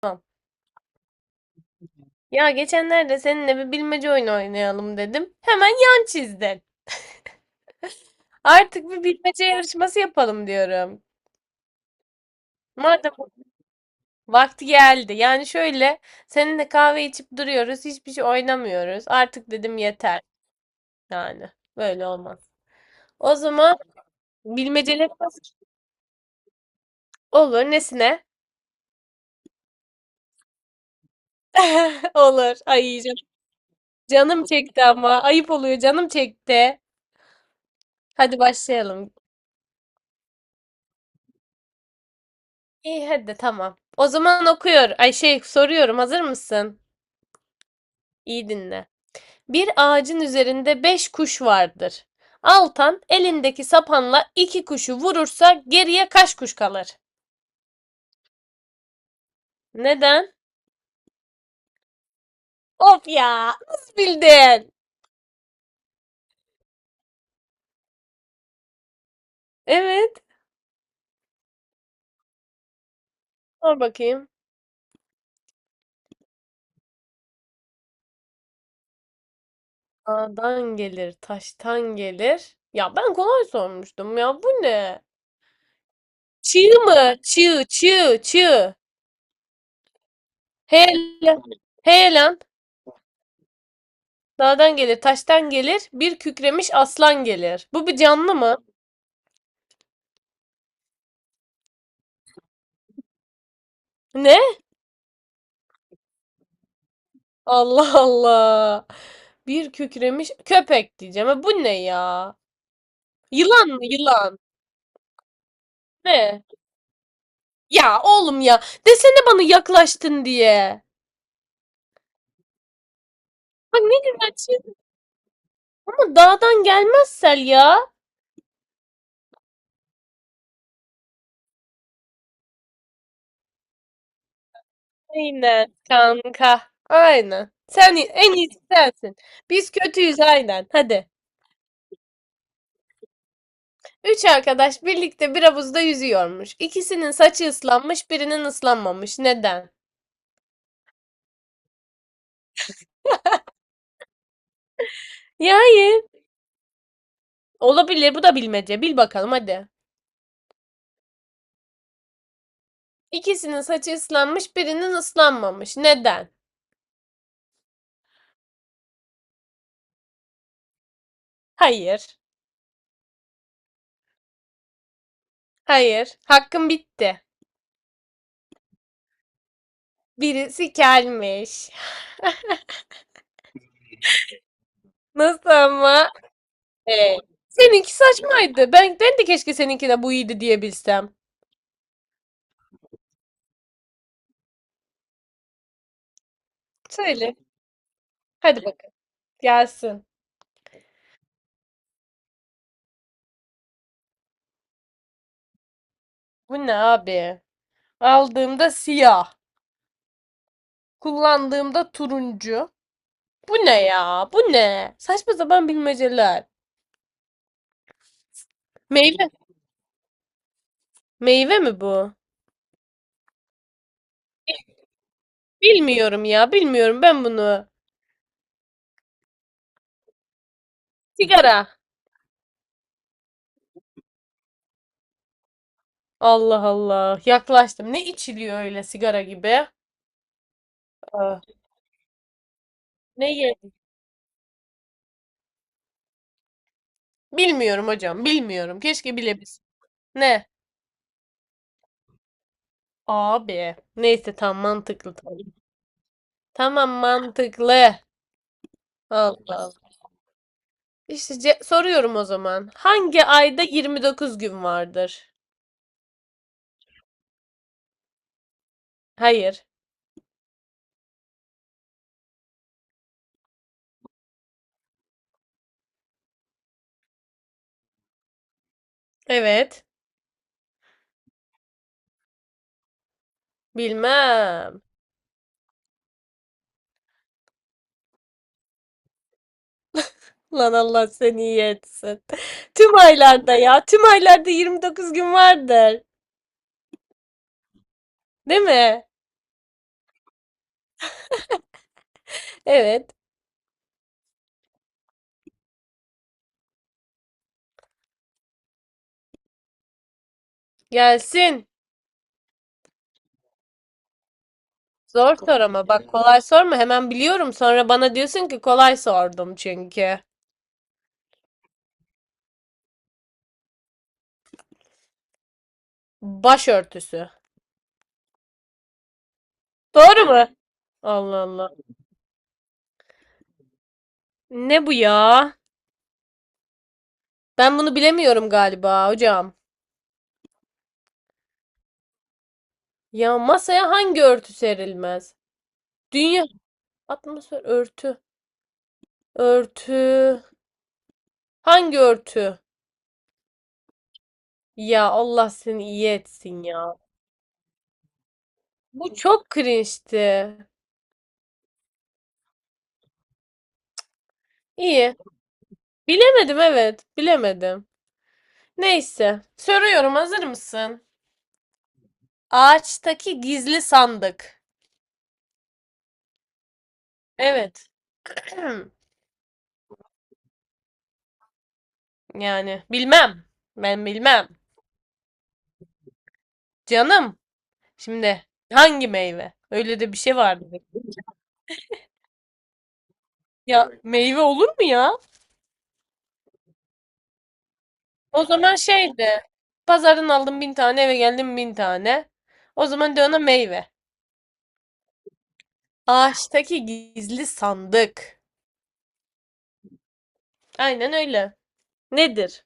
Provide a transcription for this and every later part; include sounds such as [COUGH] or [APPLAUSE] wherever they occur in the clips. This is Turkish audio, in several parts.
Tamam. Ya geçenlerde seninle bir bilmece oyunu oynayalım dedim. Hemen yan çizdin. Artık bir bilmece yarışması yapalım diyorum. Madem vakti geldi. Yani şöyle seninle kahve içip duruyoruz. Hiçbir şey oynamıyoruz. Artık dedim yeter. Yani böyle olmaz. O zaman bilmeceler nasıl olur? Nesine? [LAUGHS] Olur. Ay yiyeceğim. Canım çekti ama. Ayıp oluyor. Canım çekti. Hadi başlayalım. İyi hadi tamam. O zaman okuyor. Ay şey soruyorum. Hazır mısın? İyi dinle. Bir ağacın üzerinde beş kuş vardır. Altan elindeki sapanla iki kuşu vurursa geriye kaç kuş kalır? Neden? Of ya, nasıl bildin? Evet, sor bakayım. Dağdan gelir, taştan gelir. Ya ben kolay sormuştum ya, bu ne? Çığ mı? Çığ, çığ, çığ. He lan, Dağdan gelir, taştan gelir, bir kükremiş aslan gelir. Bu bir canlı mı? Ne? Allah Allah. Bir kükremiş köpek diyeceğim. Ha, bu ne ya? Yılan mı yılan? Ne? Ya oğlum ya. Desene bana yaklaştın diye. Bak ne güzel çizdin ama dağdan gelmez Sel ya. Aynen kanka. Aynen. Sen en iyisi sensin. Biz kötüyüz aynen. Hadi. Üç arkadaş birlikte bir havuzda yüzüyormuş. İkisinin saçı ıslanmış, birinin ıslanmamış. Neden? Ya yani olabilir. Bu da bilmece. Bil bakalım hadi. İkisinin saçı ıslanmış, birinin ıslanmamış. Neden? Hayır. Hayır. Hakkım bitti. Birisi gelmiş. Nasıl ama? Hey. Seninki saçmaydı. Ben de keşke seninki de bu iyiydi diyebilsem. Söyle. Hadi bakın. Gelsin. Bu ne abi? Aldığımda siyah. Kullandığımda turuncu. Bu ne ya? Bu ne? Saçma sapan bilmeceler. Meyve. Meyve mi bu? Bilmiyorum ya. Bilmiyorum ben bunu. Sigara. Allah Allah. Yaklaştım. Ne içiliyor öyle sigara gibi? Aa, ne yedik? Bilmiyorum hocam. Bilmiyorum. Keşke bilebilsem. Ne? Abi. Neyse tam mantıklı tamam. Tamam mantıklı. Allah Allah. İşte soruyorum o zaman. Hangi ayda 29 gün vardır? Hayır. Evet. Bilmem. Lan Allah seni iyi etsin. [LAUGHS] Tüm aylarda ya. Tüm aylarda 29 gün vardır. Değil mi? Evet. Gelsin. Zor Çok sor ama bak kolay sorma hemen biliyorum sonra bana diyorsun ki kolay sordum çünkü. Başörtüsü. Doğru mu? Allah Allah. Ne bu ya? Ben bunu bilemiyorum galiba hocam. Ya masaya hangi örtü serilmez? Dünya atmosfer örtü. Örtü. Hangi örtü? Ya Allah seni iyi etsin ya. Bu çok cringe'ti. İyi. Bilemedim evet. Bilemedim. Neyse. Soruyorum hazır mısın? Ağaçtaki gizli sandık. Evet. [CLEARS THROAT] Yani bilmem. Ben bilmem. Canım. Şimdi hangi meyve? Öyle de bir şey vardı. Ya meyve olur mu ya? O zaman şeydi. Pazardan aldım 1.000 tane, eve geldim 1.000 tane. O zaman de ona meyve. Ağaçtaki gizli sandık. Aynen öyle. Nedir?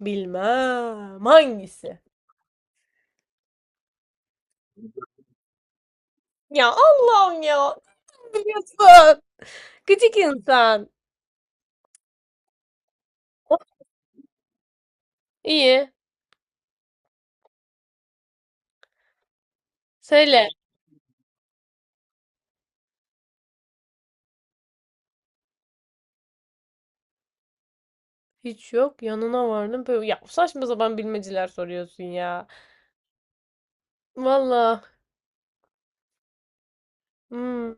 Bilmem. Hangisi? Ya Allah'ım ya. Biliyorsun. Gıcık insan. Oh, İyi. Söyle. Hiç yok. Yanına vardım. Böyle, ya saçma sapan bilmeceler soruyorsun ya. Valla. hmm,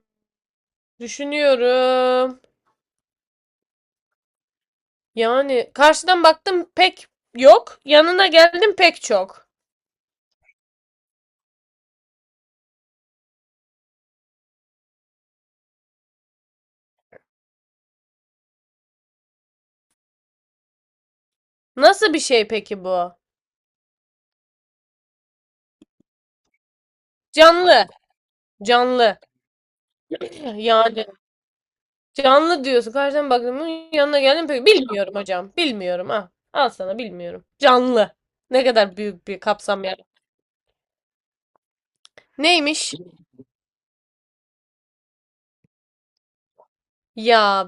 düşünüyorum. Yani karşıdan baktım pek yok. Yanına geldim pek çok. Nasıl bir şey peki bu? Canlı. Canlı. [CLEARS THROAT] Yani canlı diyorsun. Karşıdan baktım yanına geldim pek. Bilmiyorum hocam. Bilmiyorum. Ah, al sana bilmiyorum. Canlı. Ne kadar büyük bir kapsam yani. Neymiş? Ya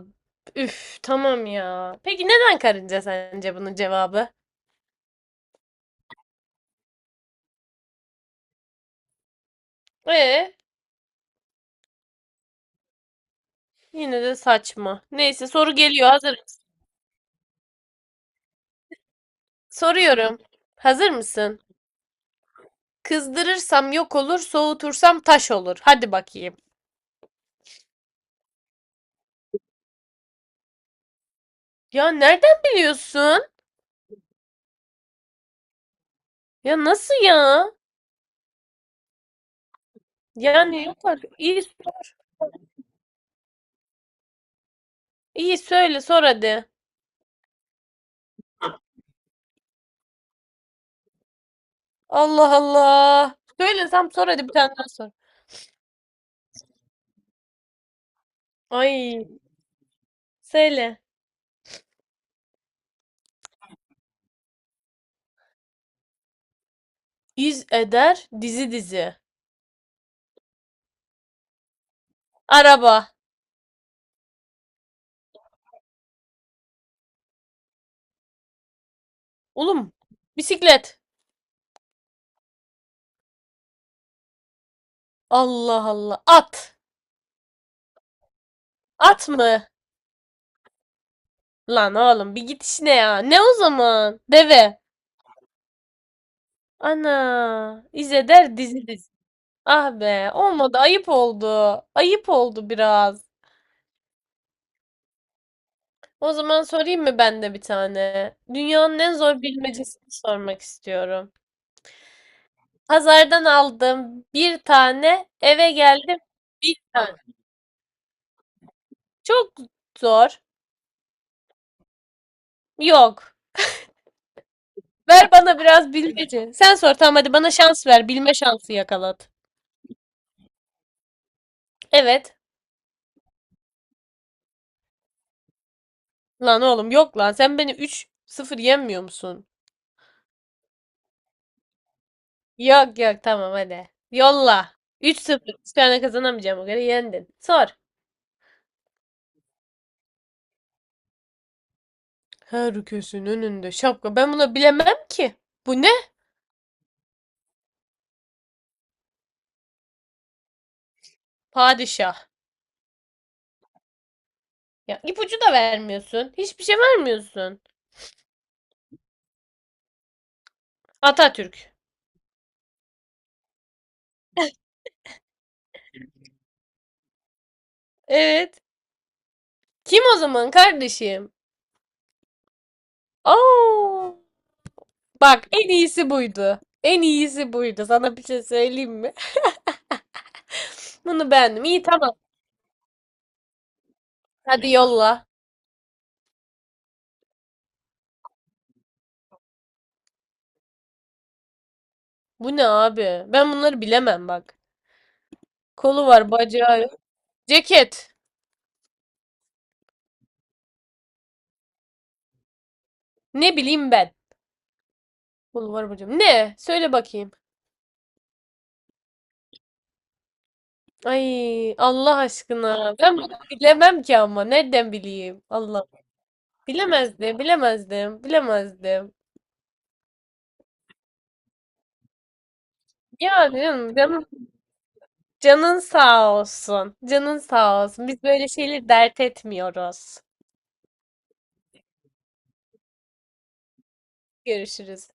üf tamam ya. Peki neden karınca sence bunun cevabı? Ee yine de saçma. Neyse soru geliyor hazır mısın? Soruyorum. Hazır mısın? Kızdırırsam yok olur, soğutursam taş olur. Hadi bakayım. Ya nereden biliyorsun? Ya nasıl ya? Yani yok artık. İyi, iyi söyle sor hadi. Allah Allah. Söylesem sor hadi bir tane daha sor. Ay söyle. İz eder dizi dizi. Araba. Oğlum bisiklet. Allah Allah. At. At mı? Lan oğlum bir git işine ya. Ne o zaman? Deve. Ana. İzeder dizi dizi. Ah be. Olmadı. Ayıp oldu. Ayıp oldu biraz. O zaman sorayım mı ben de bir tane? Dünyanın en zor bilmecesini sormak istiyorum. Pazardan aldım bir tane. Eve geldim bir tane. Çok zor. Yok. Ver bana biraz bilmece. Sen sor tamam hadi bana şans ver. Bilme şansı yakalat. Evet. Lan oğlum yok lan. Sen beni 3-0 yenmiyor musun? Yok yok tamam hadi. Yolla. 3-0. Bir tane kazanamayacağım o kadar yendin. Sor. Her köşenin önünde şapka. Ben bunu bilemem ki. Bu ne? Padişah. Ya ipucu da vermiyorsun. Hiçbir şey vermiyorsun. Atatürk. Evet. Kim o zaman kardeşim? Oo. Bak en iyisi buydu. En iyisi buydu. Sana bir şey söyleyeyim mi? [LAUGHS] Bunu beğendim. İyi tamam. Hadi yolla. Bu ne abi? Ben bunları bilemem bak. Kolu var, bacağı yok. Ceket. Ne bileyim ben. Kolu var, bacağı yok. Ne? Söyle bakayım. Ay Allah aşkına. Ben bunu bilemem ki ama. Nereden bileyim? Allah. Bilemezdim, bilemezdim, bilemezdim. Ya canım, canım, canın sağ olsun. Canın sağ olsun. Biz böyle şeyleri dert etmiyoruz. Görüşürüz.